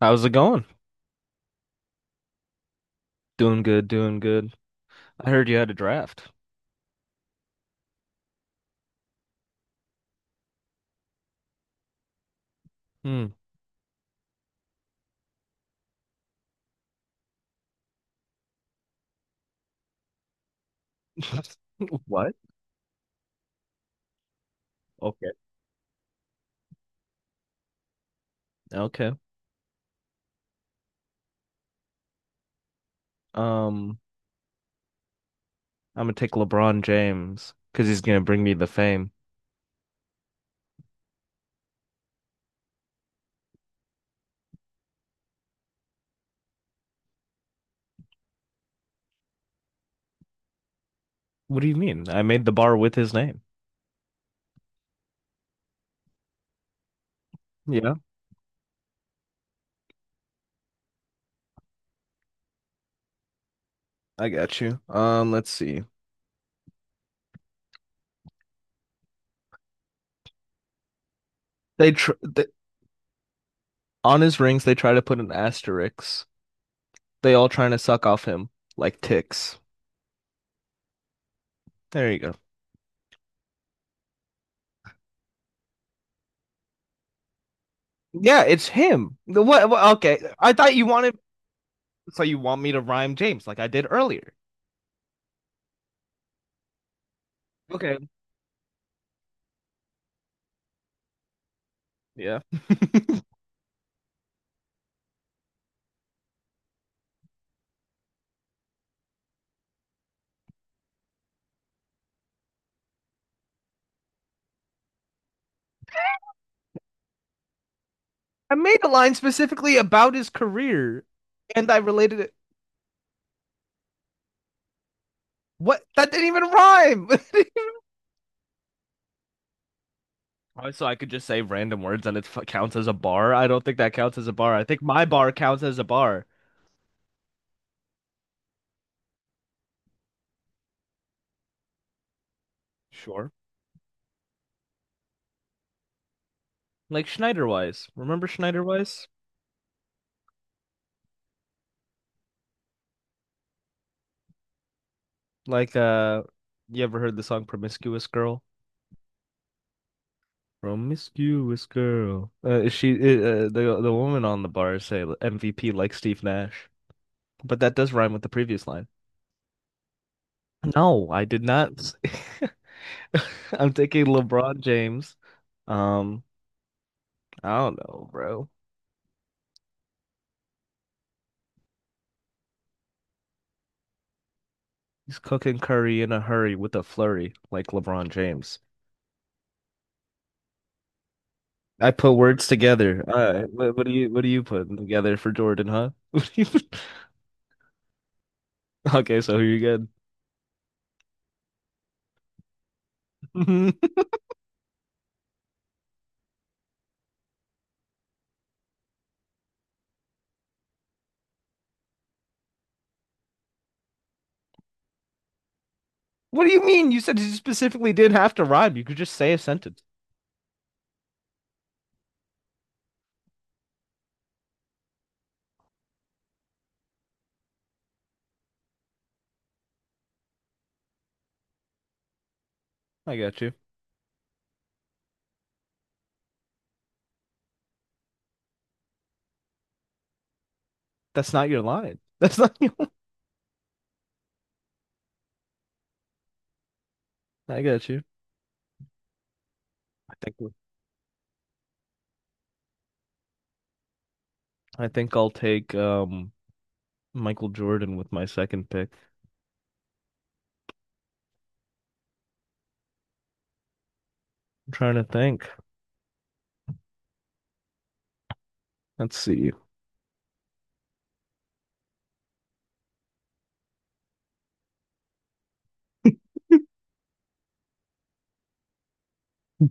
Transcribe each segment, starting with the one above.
How's it going? Doing good, doing good. I heard you had a draft. Hmm. What? Okay. Okay. Um, I'm gonna take LeBron James because he's gonna bring me the fame. What do you mean? I made the bar with his name. Yeah, I got you. Let's see. They tr th On his rings they try to put an asterisk. They all trying to suck off him like ticks. There you go. Yeah, it's him. What? Okay, I thought you wanted. So you want me to rhyme James like I did earlier? Okay. Yeah. I made a line specifically about his career, and I related it. What? That didn't even rhyme. So I could just say random words and it counts as a bar. I don't think that counts as a bar. I think my bar counts as a bar. Sure. Like Schneiderwise. Remember Schneiderwise? Like you ever heard the song "Promiscuous Girl"? Promiscuous girl. She the woman on the bar say MVP like Steve Nash, but that does rhyme with the previous line. No, I did not. I'm taking LeBron James. Um, I don't know, bro. He's cooking curry in a hurry with a flurry, like LeBron James. I put words together. All right, what do you putting together for Jordan, huh? What do you- put- Okay, so you're good. What do you mean? You said you specifically didn't have to rhyme. You could just say a sentence. I got you. That's not your line. That's not your. I got you. I think I think I'll take Michael Jordan with my second pick. I'm trying to think. Let's see.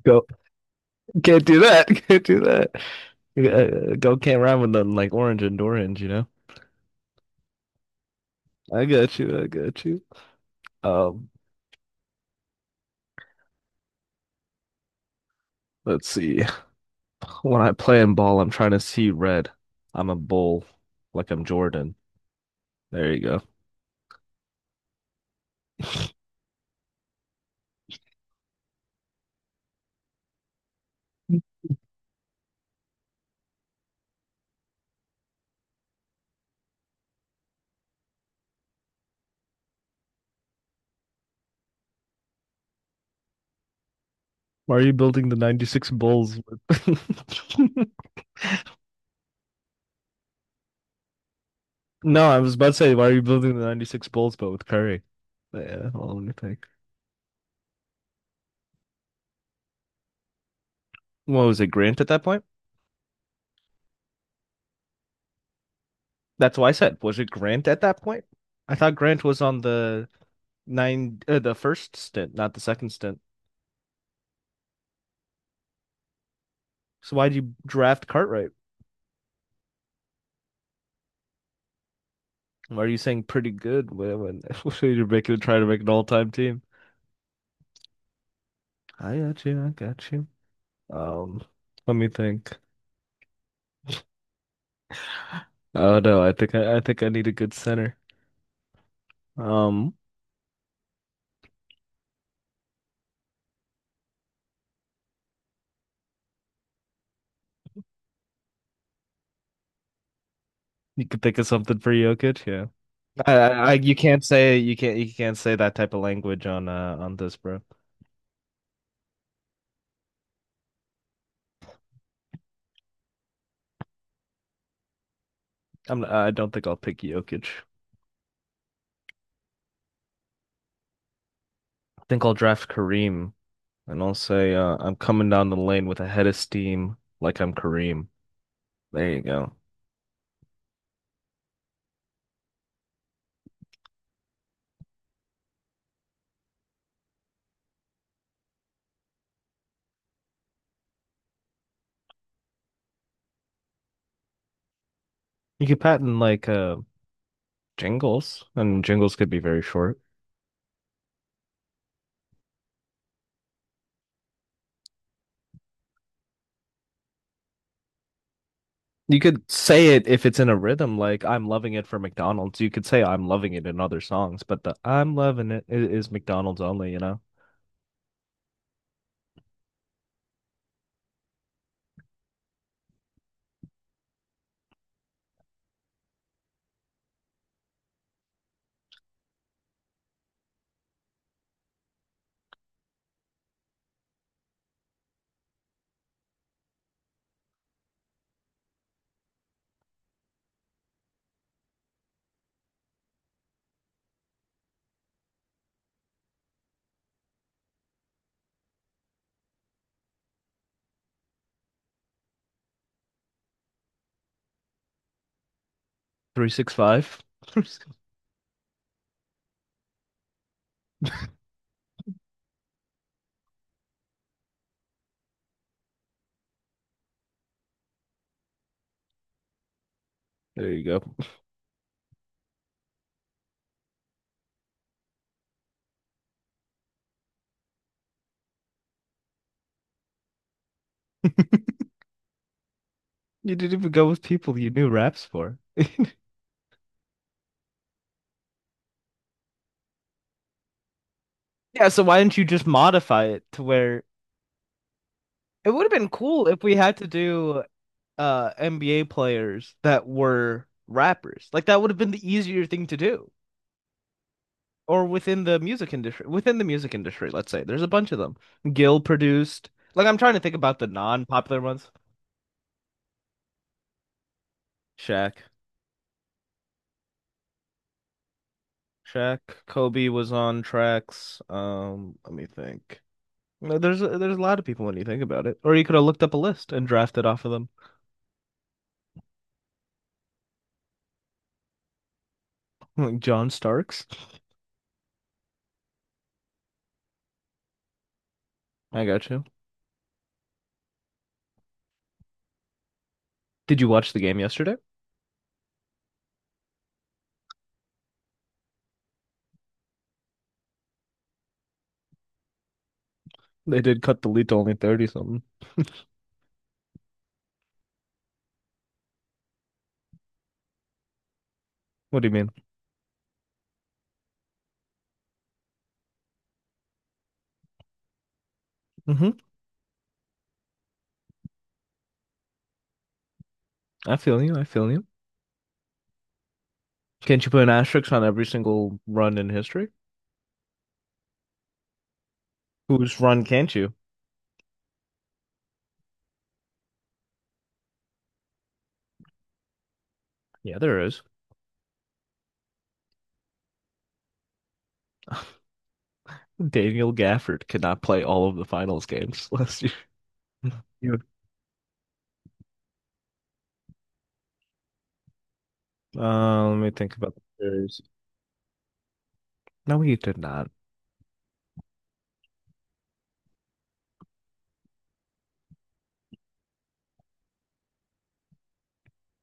Go Can't do that. Can't do that. Go can't rhyme with nothing like orange and orange, you know? I got you. I got you. Um, let's see. When I play in ball, I'm trying to see red. I'm a bull, like I'm Jordan. There you go. Why are you building the 96 Bulls with... No, I was about to say, why are you building the 96 Bulls but with Curry? But yeah, well, let me think. What was it, Grant at that point? That's why I said, was it Grant at that point? I thought Grant was on the nine the first stint, not the second stint. So why did you draft Cartwright? Why are you saying pretty good when, when you're making trying to make an all time team? I got you, I got you. Um, Let me think. Oh no, I think I need a good center. Um, you could think of something for Jokic, yeah. I You can't say you can't say that type of language on this, bro. I don't think I'll pick Jokic. I think I'll draft Kareem. And I'll say, I'm coming down the lane with a head of steam like I'm Kareem. There you go. You could patent like jingles, and jingles could be very short. You could say it if it's in a rhythm, like I'm loving it for McDonald's. You could say I'm loving it in other songs, but the I'm loving is McDonald's only, you know? 365. There you go. You didn't even go with people you knew raps for. Yeah, so why didn't you just modify it to where it would have been cool if we had to do NBA players that were rappers. Like that would have been the easier thing to do. Or within the music industry, within the music industry, let's say. There's a bunch of them. Gil produced. Like I'm trying to think about the non-popular ones. Shaq. Shaq, Kobe was on tracks. Let me think. No, there's there's a lot of people when you think about it. Or you could have looked up a list and drafted off of them. Like John Starks. I got you. Did you watch the game yesterday? They did cut the lead to only 30 something. What do you mean? Hmm. I feel you. I feel you. Can't you put an asterisk on every single run in history? Whose run can't you? Yeah, there is. Daniel Gafford could not play all of the finals games last year. You. Let me think about the series. No, he did not.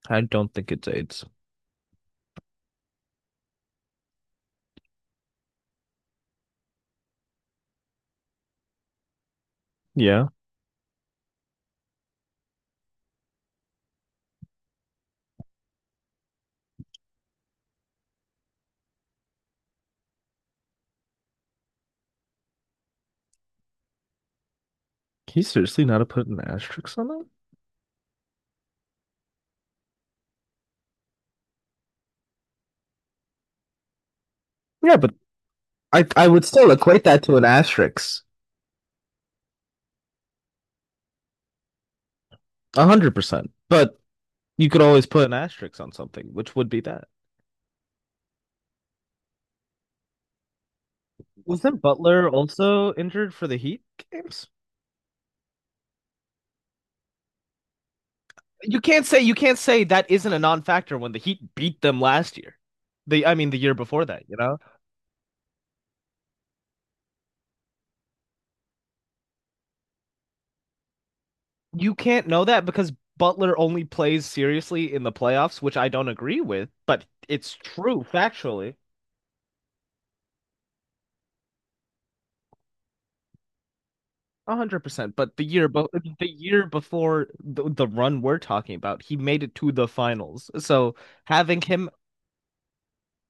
I don't think it's AIDS. Yeah. Can you seriously not have put an asterisk on that? Yeah, but I would still equate that to an asterisk. 100%. But you could always put an asterisk on something, which would be that. Wasn't Butler also injured for the Heat games? You can't say that isn't a non-factor when the Heat beat them last year. The I mean the year before that, you know? You can't know that because Butler only plays seriously in the playoffs, which I don't agree with, but it's true factually. 100%. But the year before the run we're talking about, he made it to the finals. So having him,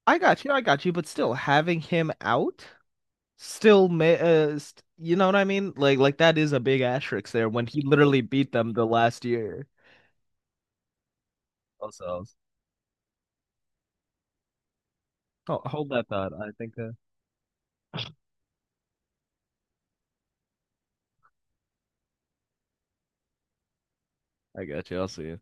I got you, I got you. But still, having him out, still, ma st you know what I mean? Like that is a big asterisk there when he literally beat them the last year. Also, oh, hold that thought. I think I got you. I'll see you.